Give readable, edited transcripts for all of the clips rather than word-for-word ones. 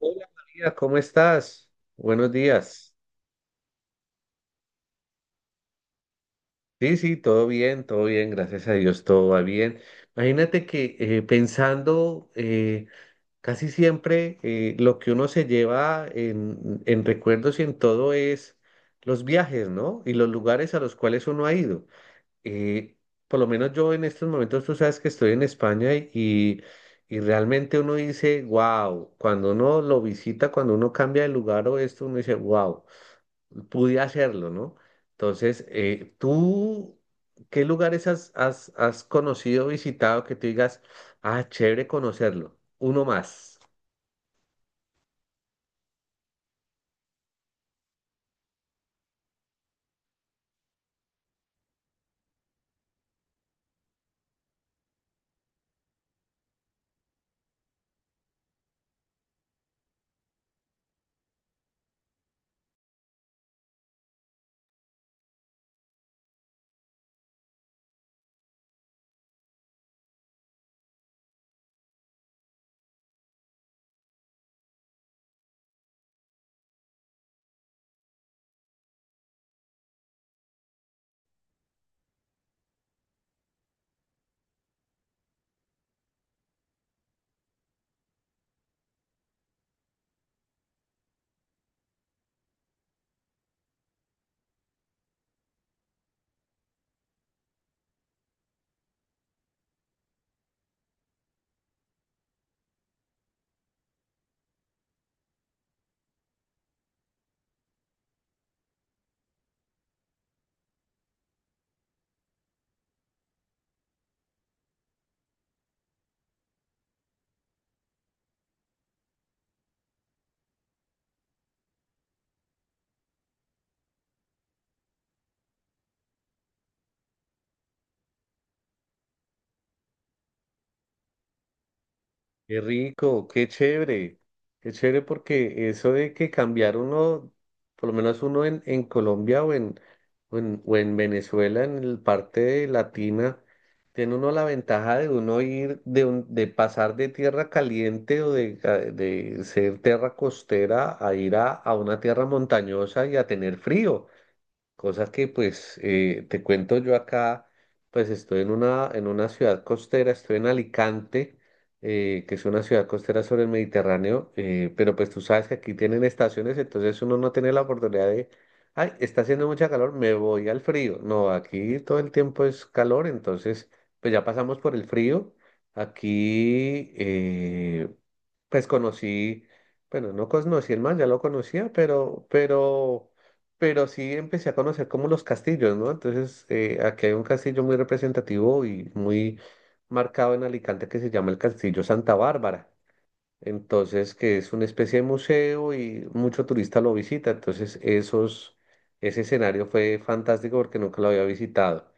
Hola María, ¿cómo estás? Buenos días. Sí, sí, todo bien, gracias a Dios, todo va bien. Imagínate que pensando, casi siempre, lo que uno se lleva en recuerdos y en todo es los viajes, ¿no? Y los lugares a los cuales uno ha ido. Eh, por lo menos yo en estos momentos, tú sabes que estoy en España y realmente uno dice, wow. Cuando uno lo visita, cuando uno cambia de lugar o esto, uno dice, wow, pude hacerlo, ¿no? Entonces, tú qué lugares has conocido, visitado que tú digas, ah, ¿chévere conocerlo? Uno más. Qué rico, qué chévere, qué chévere, porque eso de que cambiar uno, por lo menos uno en Colombia o en Venezuela, en el parte de latina, tiene uno la ventaja de uno ir, de, de pasar de tierra caliente o de, de ser tierra costera a ir a una tierra montañosa y a tener frío. Cosa que pues, te cuento yo acá, pues estoy en una ciudad costera, estoy en Alicante, que es una ciudad costera sobre el Mediterráneo, pero pues tú sabes que aquí tienen estaciones, entonces uno no tiene la oportunidad de, ay, está haciendo mucha calor, me voy al frío. No, aquí todo el tiempo es calor, entonces pues ya pasamos por el frío. Aquí, pues conocí, bueno, no conocí el mar, ya lo conocía, pero sí empecé a conocer como los castillos, ¿no? Entonces, aquí hay un castillo muy representativo y muy marcado en Alicante que se llama el Castillo Santa Bárbara. Entonces, que es una especie de museo y mucho turista lo visita. Entonces, ese escenario fue fantástico porque nunca lo había visitado.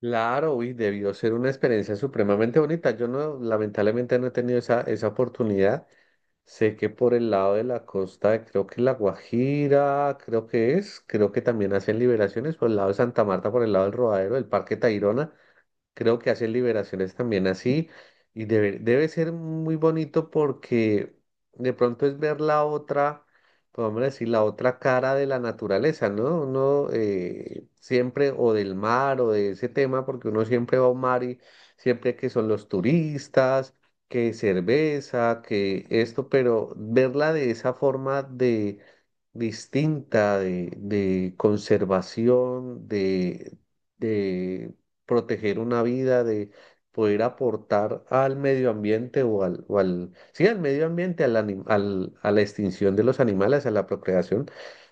Claro, uy, debió ser una experiencia supremamente bonita. Yo no, lamentablemente no he tenido esa, esa oportunidad. Sé que por el lado de la costa de, creo que La Guajira, creo que es, creo que también hacen liberaciones por el lado de Santa Marta, por el lado del Rodadero, del Parque Tayrona. Creo que hacen liberaciones también así y debe, debe ser muy bonito, porque de pronto es ver la otra, podemos decir, la otra cara de la naturaleza, ¿no? Uno, siempre, o del mar o de ese tema, porque uno siempre va a un mar y siempre que son los turistas, que cerveza, que esto, pero verla de esa forma de distinta, de conservación, de proteger una vida, de poder aportar al medio ambiente o al sí, al medio ambiente, al, a la extinción de los animales, a la procreación,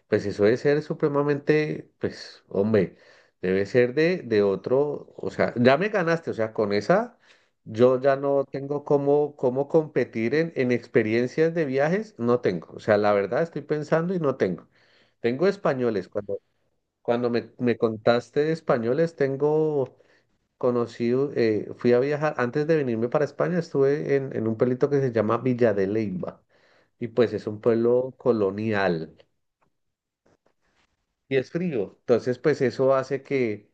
pues eso debe ser supremamente, pues, hombre, debe ser de otro, o sea, ya me ganaste, o sea, con esa... Yo ya no tengo cómo, cómo competir en experiencias de viajes, no tengo. O sea, la verdad estoy pensando y no tengo. Tengo españoles. Cuando, cuando me contaste de españoles, tengo. Conocí, fui a viajar, antes de venirme para España, estuve en un pueblito que se llama Villa de Leyva y pues es un pueblo colonial y es frío. Entonces, pues eso hace que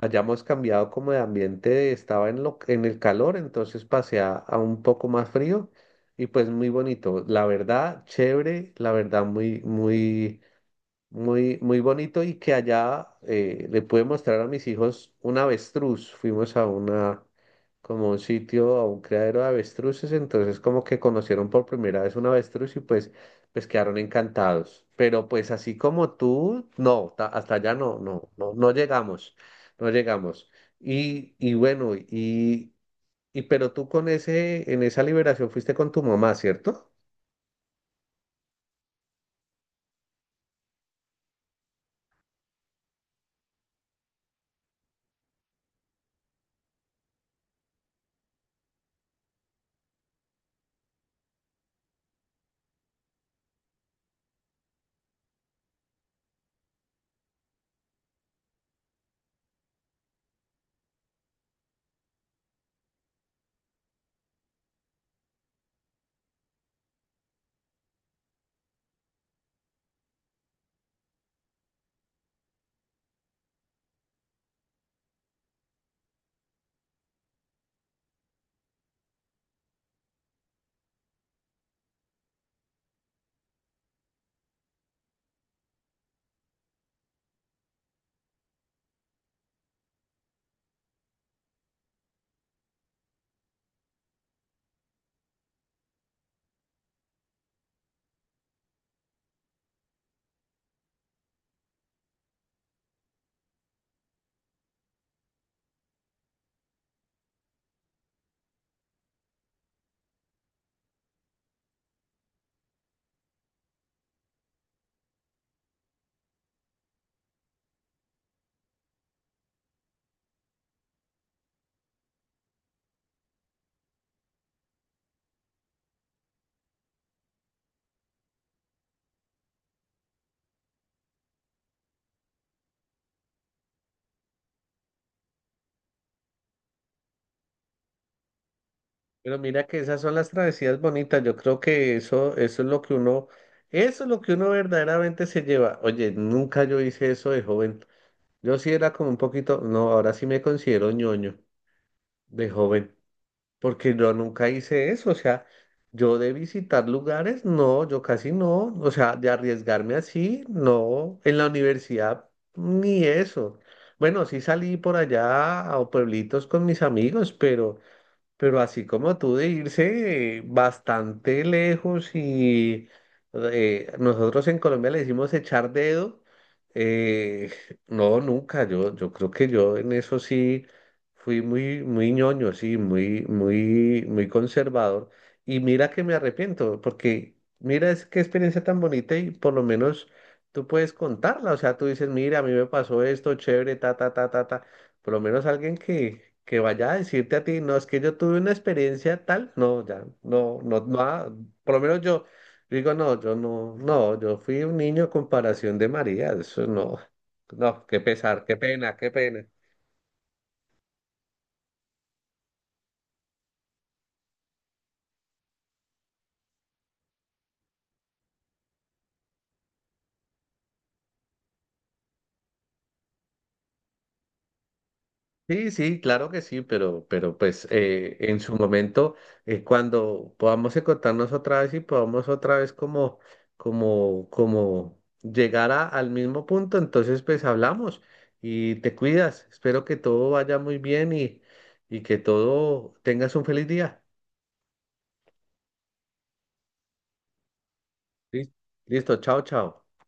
hayamos cambiado como de ambiente, estaba en, lo, en el calor, entonces pasé a un poco más frío y pues muy bonito. La verdad, chévere, la verdad, muy, muy... muy, muy bonito. Y que allá, le pude mostrar a mis hijos un avestruz. Fuimos a una, como un sitio, a un criadero de avestruces, entonces como que conocieron por primera vez un avestruz y pues, pues quedaron encantados. Pero pues así como tú, no, hasta allá no, no, no, no llegamos, no llegamos. Y bueno, y pero tú con ese, en esa liberación fuiste con tu mamá, ¿cierto? Pero mira que esas son las travesías bonitas. Yo creo que eso es lo que uno, eso es lo que uno verdaderamente se lleva. Oye, nunca yo hice eso de joven. Yo sí era como un poquito, no, ahora sí me considero ñoño de joven, porque yo nunca hice eso. O sea, yo de visitar lugares, no, yo casi no. O sea, de arriesgarme así, no. En la universidad, ni eso. Bueno, sí salí por allá a pueblitos con mis amigos, pero así como tú, de irse, bastante lejos y, nosotros en Colombia le decimos echar dedo, eh, no, nunca. Yo creo que yo en eso sí fui muy, muy ñoño, sí, muy, muy, muy conservador. Y mira que me arrepiento, porque mira es qué experiencia tan bonita, y por lo menos tú puedes contarla. O sea, tú dices, mira, a mí me pasó esto, chévere, ta, ta, ta, ta, ta. Por lo menos alguien que vaya a decirte a ti, no, es que yo tuve una experiencia tal, no, ya, no, no, no, ha- por lo menos yo digo, no, yo no, no, yo fui un niño comparación de María, eso no, no, qué pesar, qué pena, qué pena. Sí, sí, claro que sí, pero pues, en su momento, cuando podamos encontrarnos otra vez y podamos otra vez como, como, como llegar al mismo punto, entonces pues hablamos. Y te cuidas. Espero que todo vaya muy bien y que todo tengas un feliz día. Lis- Listo, chao, chao.